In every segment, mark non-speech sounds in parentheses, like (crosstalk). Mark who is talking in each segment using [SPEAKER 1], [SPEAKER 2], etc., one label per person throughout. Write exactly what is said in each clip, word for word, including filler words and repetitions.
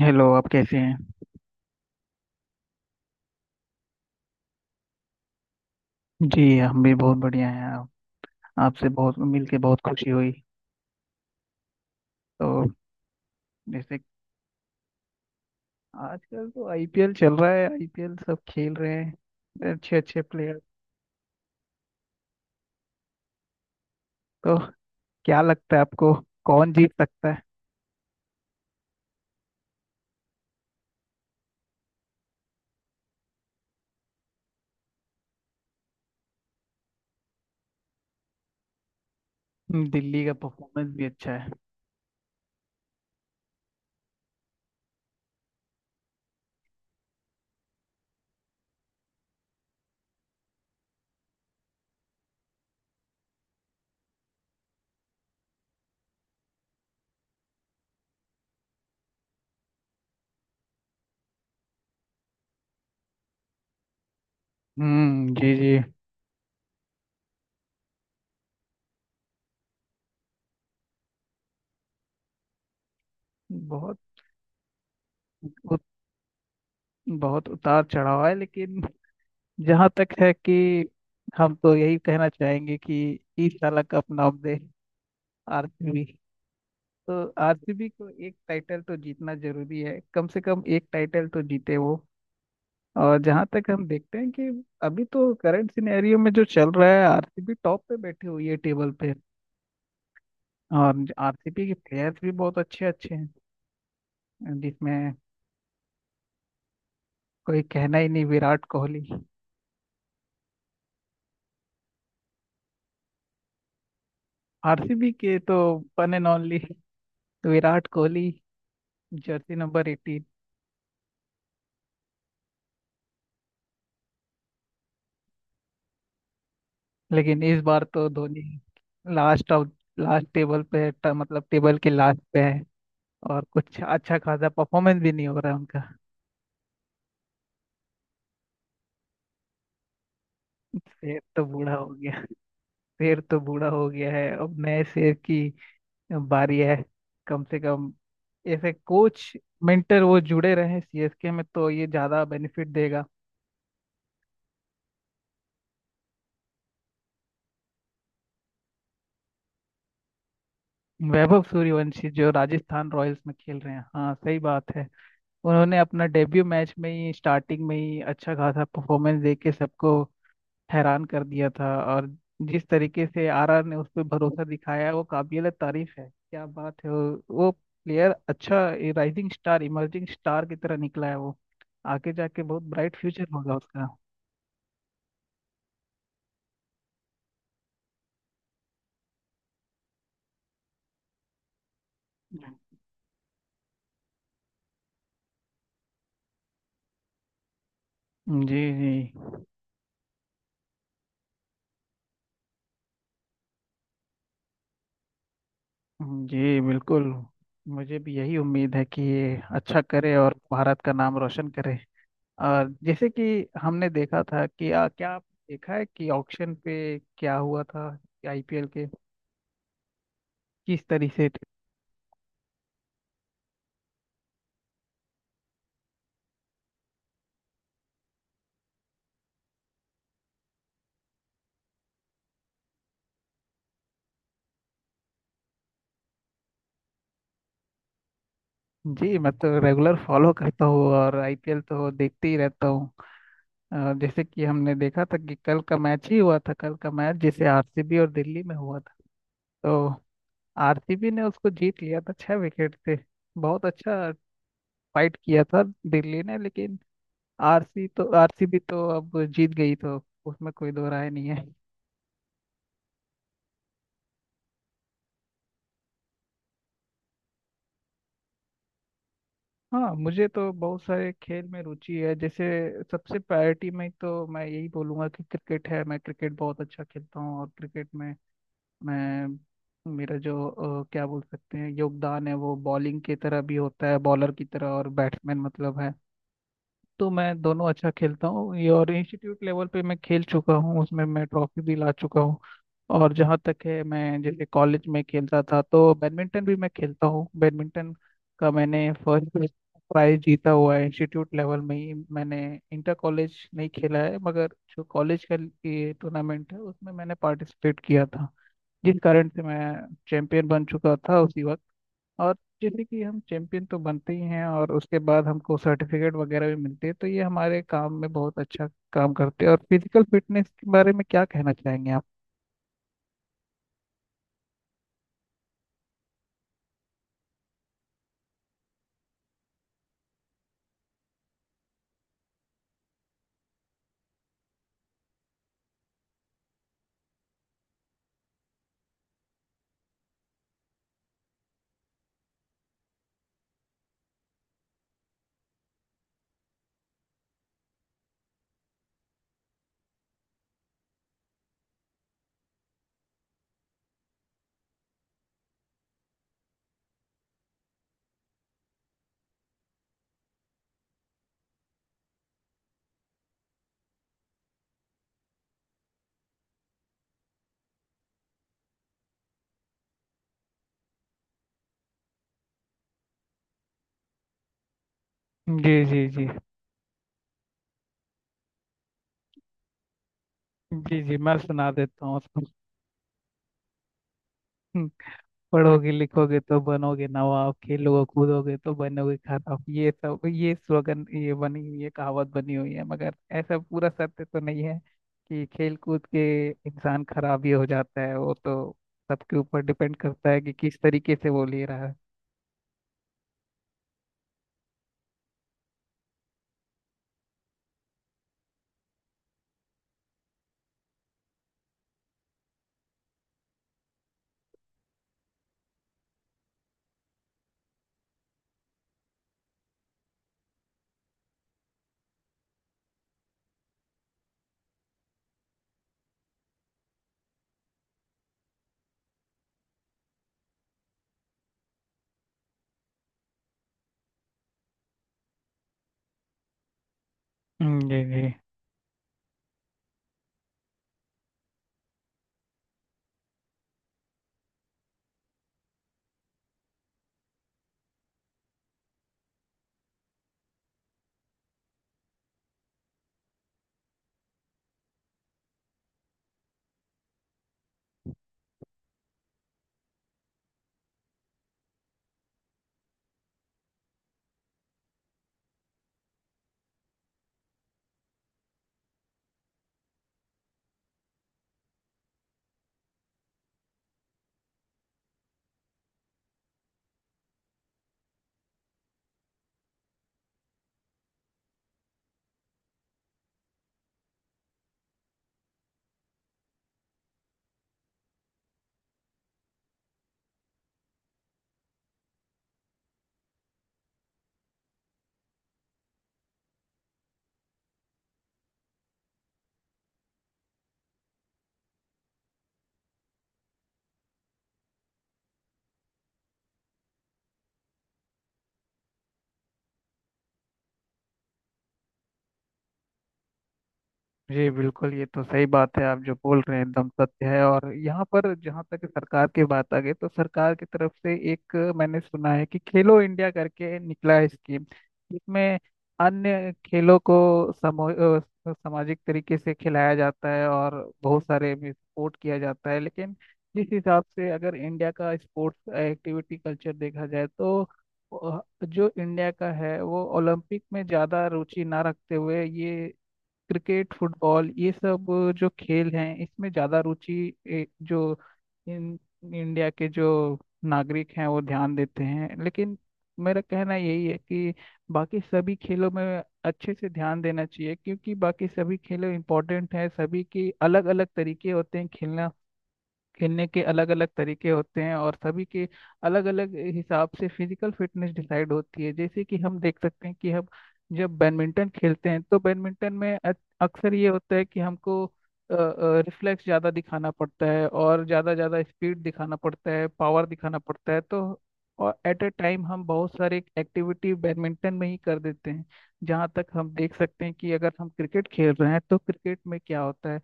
[SPEAKER 1] Hello आप कैसे हैं। जी हम भी बहुत बढ़िया हैं। आप आपसे बहुत मिलके बहुत खुशी हुई। तो जैसे आजकल तो आईपीएल चल रहा है। आईपीएल सब खेल रहे हैं अच्छे अच्छे प्लेयर। तो क्या लगता है आपको, कौन जीत सकता है? हम्म, दिल्ली का परफॉर्मेंस भी अच्छा है। हम्म, जी जी। बहुत उत, बहुत उतार चढ़ाव है, लेकिन जहाँ तक है कि हम तो यही कहना चाहेंगे कि इस साल का अपना अपडेट आरसीबी। तो आरसीबी को एक टाइटल तो जीतना जरूरी है, कम से कम एक टाइटल तो जीते वो। और जहां तक हम देखते हैं कि अभी तो करंट सिनेरियो में जो चल रहा है, आरसीबी टॉप पे बैठी हुई है टेबल पे। और आरसीबी के प्लेयर्स भी बहुत अच्छे अच्छे हैं, जिसमें कोई कहना ही नहीं, विराट कोहली। आरसीबी के तो one and only Virat Kohli, jersey number eighteen. लेकिन इस बार तो Dhoni last of last table पे है, ट- मतलब टेबल के लास्ट पे है। और कुछ अच्छा खासा परफॉर्मेंस भी नहीं हो रहा है उनका। शेर तो बूढ़ा हो गया। शेर तो बूढ़ा हो गया है, अब नए शेर की बारी है। कम से कम ऐसे कोच मेंटर वो जुड़े रहे सीएसके में तो ये ज्यादा बेनिफिट देगा। वैभव सूर्यवंशी जो राजस्थान रॉयल्स में खेल रहे हैं, हाँ सही बात है। उन्होंने अपना डेब्यू मैच में ही स्टार्टिंग में ही अच्छा खासा परफॉर्मेंस दे के सबको हैरान कर दिया था। और जिस तरीके से आरआर ने उस पर भरोसा दिखाया वो काबिल तारीफ है। क्या बात है, वो, वो प्लेयर अच्छा राइजिंग स्टार इमर्जिंग स्टार की तरह निकला है। वो आगे जाके बहुत ब्राइट फ्यूचर होगा उसका। जी जी। जी बिल्कुल, मुझे भी यही उम्मीद है कि ये अच्छा करे और भारत का नाम रोशन करे। और जैसे कि हमने देखा था कि आ, क्या आप देखा है कि ऑक्शन पे क्या हुआ था आईपीएल के किस तरीके से। जी मैं तो रेगुलर फॉलो करता हूँ और आईपीएल तो देखते ही रहता हूँ। अ, जैसे कि हमने देखा था कि कल का मैच ही हुआ था, कल का मैच जिसे आरसीबी और दिल्ली में हुआ था। तो आरसीबी ने उसको जीत लिया था छह विकेट से। बहुत अच्छा फाइट किया था दिल्ली ने, लेकिन आरसी तो आरसीबी तो अब जीत गई, तो उसमें कोई दो राय नहीं है। हाँ, मुझे तो बहुत सारे खेल में रुचि है। जैसे सबसे प्रायोरिटी में तो मैं यही बोलूँगा कि क्रिकेट है। मैं क्रिकेट बहुत अच्छा खेलता हूँ, और क्रिकेट में मैं मेरा जो अ, क्या बोल सकते हैं योगदान है वो बॉलिंग की तरह भी होता है, बॉलर की तरह, और बैट्समैन मतलब है। तो मैं दोनों अच्छा खेलता हूँ ये, और इंस्टीट्यूट लेवल पे मैं खेल चुका हूँ, उसमें मैं ट्रॉफी भी ला चुका हूँ। और जहाँ तक है मैं जैसे कॉलेज में खेलता था, तो बैडमिंटन भी मैं खेलता हूँ। बैडमिंटन का मैंने फर्स्ट प्राइज जीता हुआ है इंस्टीट्यूट लेवल में ही। मैंने इंटर कॉलेज नहीं खेला है, मगर जो कॉलेज का ये टूर्नामेंट है उसमें मैंने पार्टिसिपेट किया था, जिस कारण से मैं चैंपियन बन चुका था उसी वक्त। और जैसे कि हम चैंपियन तो बनते ही हैं, और उसके बाद हमको सर्टिफिकेट वगैरह भी मिलते हैं, तो ये हमारे काम में बहुत अच्छा काम करते हैं। और फिजिकल फिटनेस के बारे में क्या कहना चाहेंगे आप? जी जी जी। जी जी, मैं सुना देता हूँ उसको। पढ़ोगे लिखोगे तो बनोगे नवाब, खेलोगे कूदोगे तो बनोगे खराब। ये सब, ये स्लोगन ये बनी हुई है, कहावत बनी हुई है, मगर ऐसा पूरा सत्य तो नहीं है कि खेल कूद के इंसान खराब ही हो जाता है। वो तो सबके ऊपर डिपेंड करता है कि किस तरीके से वो ले रहा है। हम्म, जी जी। जी बिल्कुल, ये तो सही बात है आप जो बोल रहे हैं, एकदम सत्य है। और यहाँ पर जहाँ तक सरकार की बात आ गई, तो सरकार की तरफ से एक मैंने सुना है कि खेलो इंडिया करके निकला है स्कीम, जिसमें अन्य खेलों को समो अ, सामाजिक तरीके से खिलाया जाता है और बहुत सारे भी सपोर्ट किया जाता है। लेकिन जिस हिसाब से अगर इंडिया का स्पोर्ट्स एक्टिविटी कल्चर देखा जाए तो अ, जो इंडिया का है वो ओलंपिक में ज़्यादा रुचि ना रखते हुए ये क्रिकेट फुटबॉल ये सब जो खेल हैं इसमें ज़्यादा रुचि ए, जो इन इंडिया के जो नागरिक हैं वो ध्यान देते हैं। लेकिन मेरा कहना यही है कि बाकी सभी खेलों में अच्छे से ध्यान देना चाहिए, क्योंकि बाकी सभी खेलों इंपॉर्टेंट हैं। सभी के अलग अलग तरीके होते हैं खेलना, खेलने के अलग अलग तरीके होते हैं, और सभी के अलग अलग हिसाब से फिजिकल फिटनेस डिसाइड होती है। जैसे कि हम देख सकते हैं कि हम जब बैडमिंटन खेलते हैं तो बैडमिंटन में अ- अक्सर ये होता है कि हमको रिफ्लेक्स ज़्यादा दिखाना पड़ता है, और ज़्यादा ज़्यादा स्पीड दिखाना पड़ता है, पावर दिखाना पड़ता है। तो और एट ए टाइम हम बहुत सारे एक्टिविटी बैडमिंटन में ही कर देते हैं। जहाँ तक हम देख सकते हैं कि अगर हम क्रिकेट खेल रहे हैं तो क्रिकेट में क्या होता है,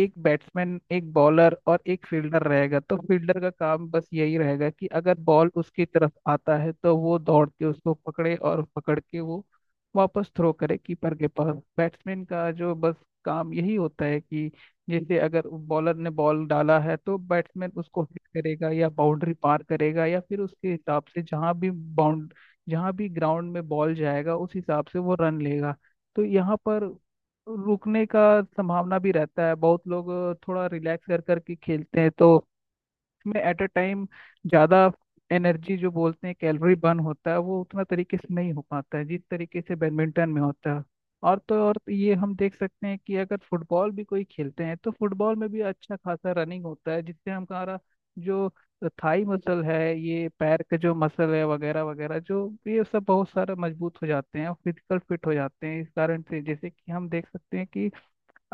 [SPEAKER 1] एक बैट्समैन एक बॉलर और एक फील्डर रहेगा। तो फील्डर का काम बस यही रहेगा कि अगर बॉल उसकी तरफ आता है तो वो दौड़ के उसको पकड़े, और पकड़ के वो वापस थ्रो करे कीपर के पास। बैट्समैन का जो बस काम यही होता है कि जैसे अगर बॉलर ने बॉल डाला है तो बैट्समैन उसको हिट करेगा या बाउंड्री पार करेगा, या फिर उसके हिसाब से जहाँ भी बाउंड जहाँ भी ग्राउंड में बॉल जाएगा उस हिसाब से वो रन लेगा। तो यहाँ पर रुकने का संभावना भी रहता है। बहुत लोग थोड़ा रिलैक्स कर करके खेलते हैं, तो इसमें एट अ टाइम ज़्यादा एनर्जी जो बोलते हैं कैलोरी बर्न होता है वो उतना तरीके से नहीं हो पाता है जिस तरीके से बैडमिंटन में होता है। और तो और ये हम देख सकते हैं कि अगर फुटबॉल भी कोई खेलते हैं तो फुटबॉल में भी अच्छा खासा रनिंग होता है, जिससे हमारा जो थाई मसल है, ये पैर के जो मसल है वगैरह वगैरह, जो ये सब बहुत सारा मजबूत हो जाते हैं और फिजिकल फिट हो जाते हैं। इस कारण से जैसे कि हम देख सकते हैं कि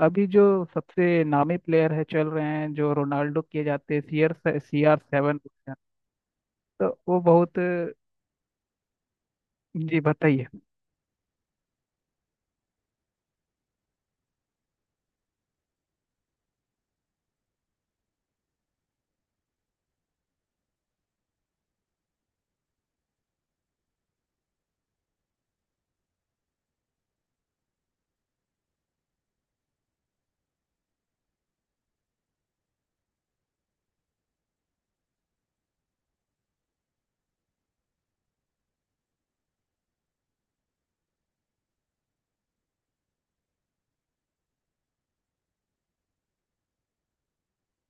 [SPEAKER 1] अभी जो सबसे नामी प्लेयर है चल रहे हैं जो रोनाल्डो किए जाते हैं, C R C R seven, तो वो बहुत। जी बताइए।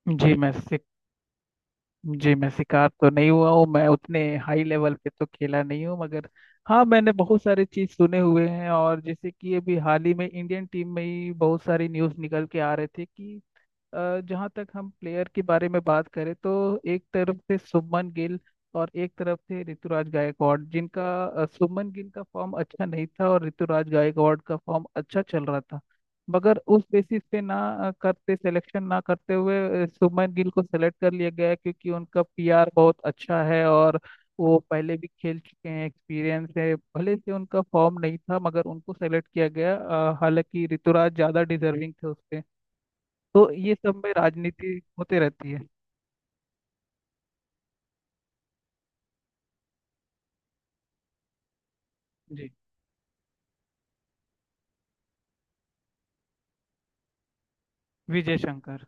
[SPEAKER 1] जी मैं शिक, जी मैं शिकार तो नहीं हुआ हूँ। मैं उतने हाई लेवल पे तो खेला नहीं हूँ, मगर हाँ मैंने बहुत सारी चीज सुने हुए हैं। और जैसे कि अभी हाल ही में इंडियन टीम में ही बहुत सारी न्यूज निकल के आ रही थी कि अ, जहाँ तक हम प्लेयर के बारे में बात करें तो एक तरफ से शुभमन गिल और एक तरफ से ऋतुराज गायकवाड़, जिनका अ, शुभमन गिल का फॉर्म अच्छा नहीं था और ऋतुराज गायकवाड़ का फॉर्म अच्छा चल रहा था, मगर उस बेसिस पे ना अ, करते सिलेक्शन ना करते हुए अ, शुभमन गिल को सेलेक्ट कर लिया गया है, क्योंकि उनका पीआर बहुत अच्छा है और वो पहले भी खेल चुके हैं, एक्सपीरियंस है, भले से उनका फॉर्म नहीं था मगर उनको सेलेक्ट किया गया। अ, हालांकि ऋतुराज ज़्यादा डिजर्विंग थे उससे। तो ये सब में राजनीति होते रहती है। जी, विजय शंकर।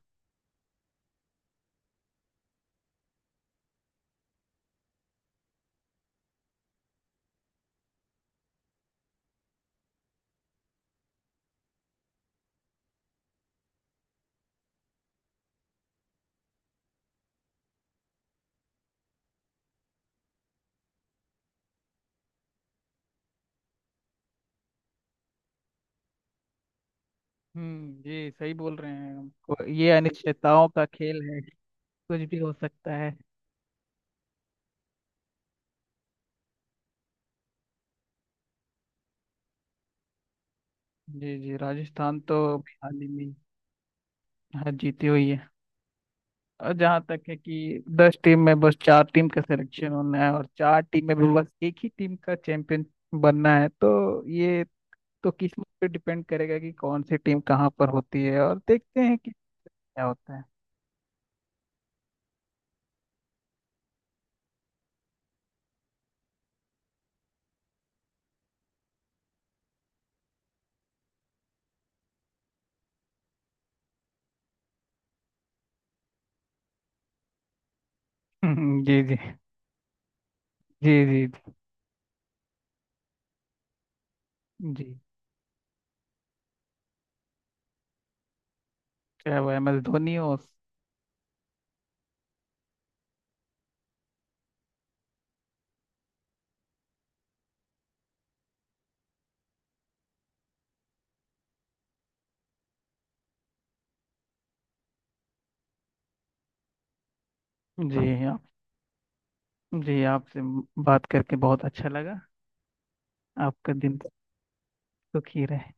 [SPEAKER 1] हम्म, जी सही बोल रहे हैं हम। और ये अनिश्चितताओं का खेल है, कुछ भी हो सकता है। जी जी, राजस्थान तो अभी हाल ही में यहाँ जीती हुई है। और जहाँ तक है कि दस टीम में बस चार टीम का सिलेक्शन होना है, और चार टीम में भी बस एक ही टीम का चैंपियन बनना है। तो ये तो किस्मत पे डिपेंड करेगा कि कौन सी टीम कहाँ पर होती है, और देखते हैं कि क्या होता है। (laughs) जी जी। जी जी। जी क्या हुआ, एम एस धोनी हो। जी आप, जी आपसे बात करके बहुत अच्छा लगा। आपका दिन सुखी रहे।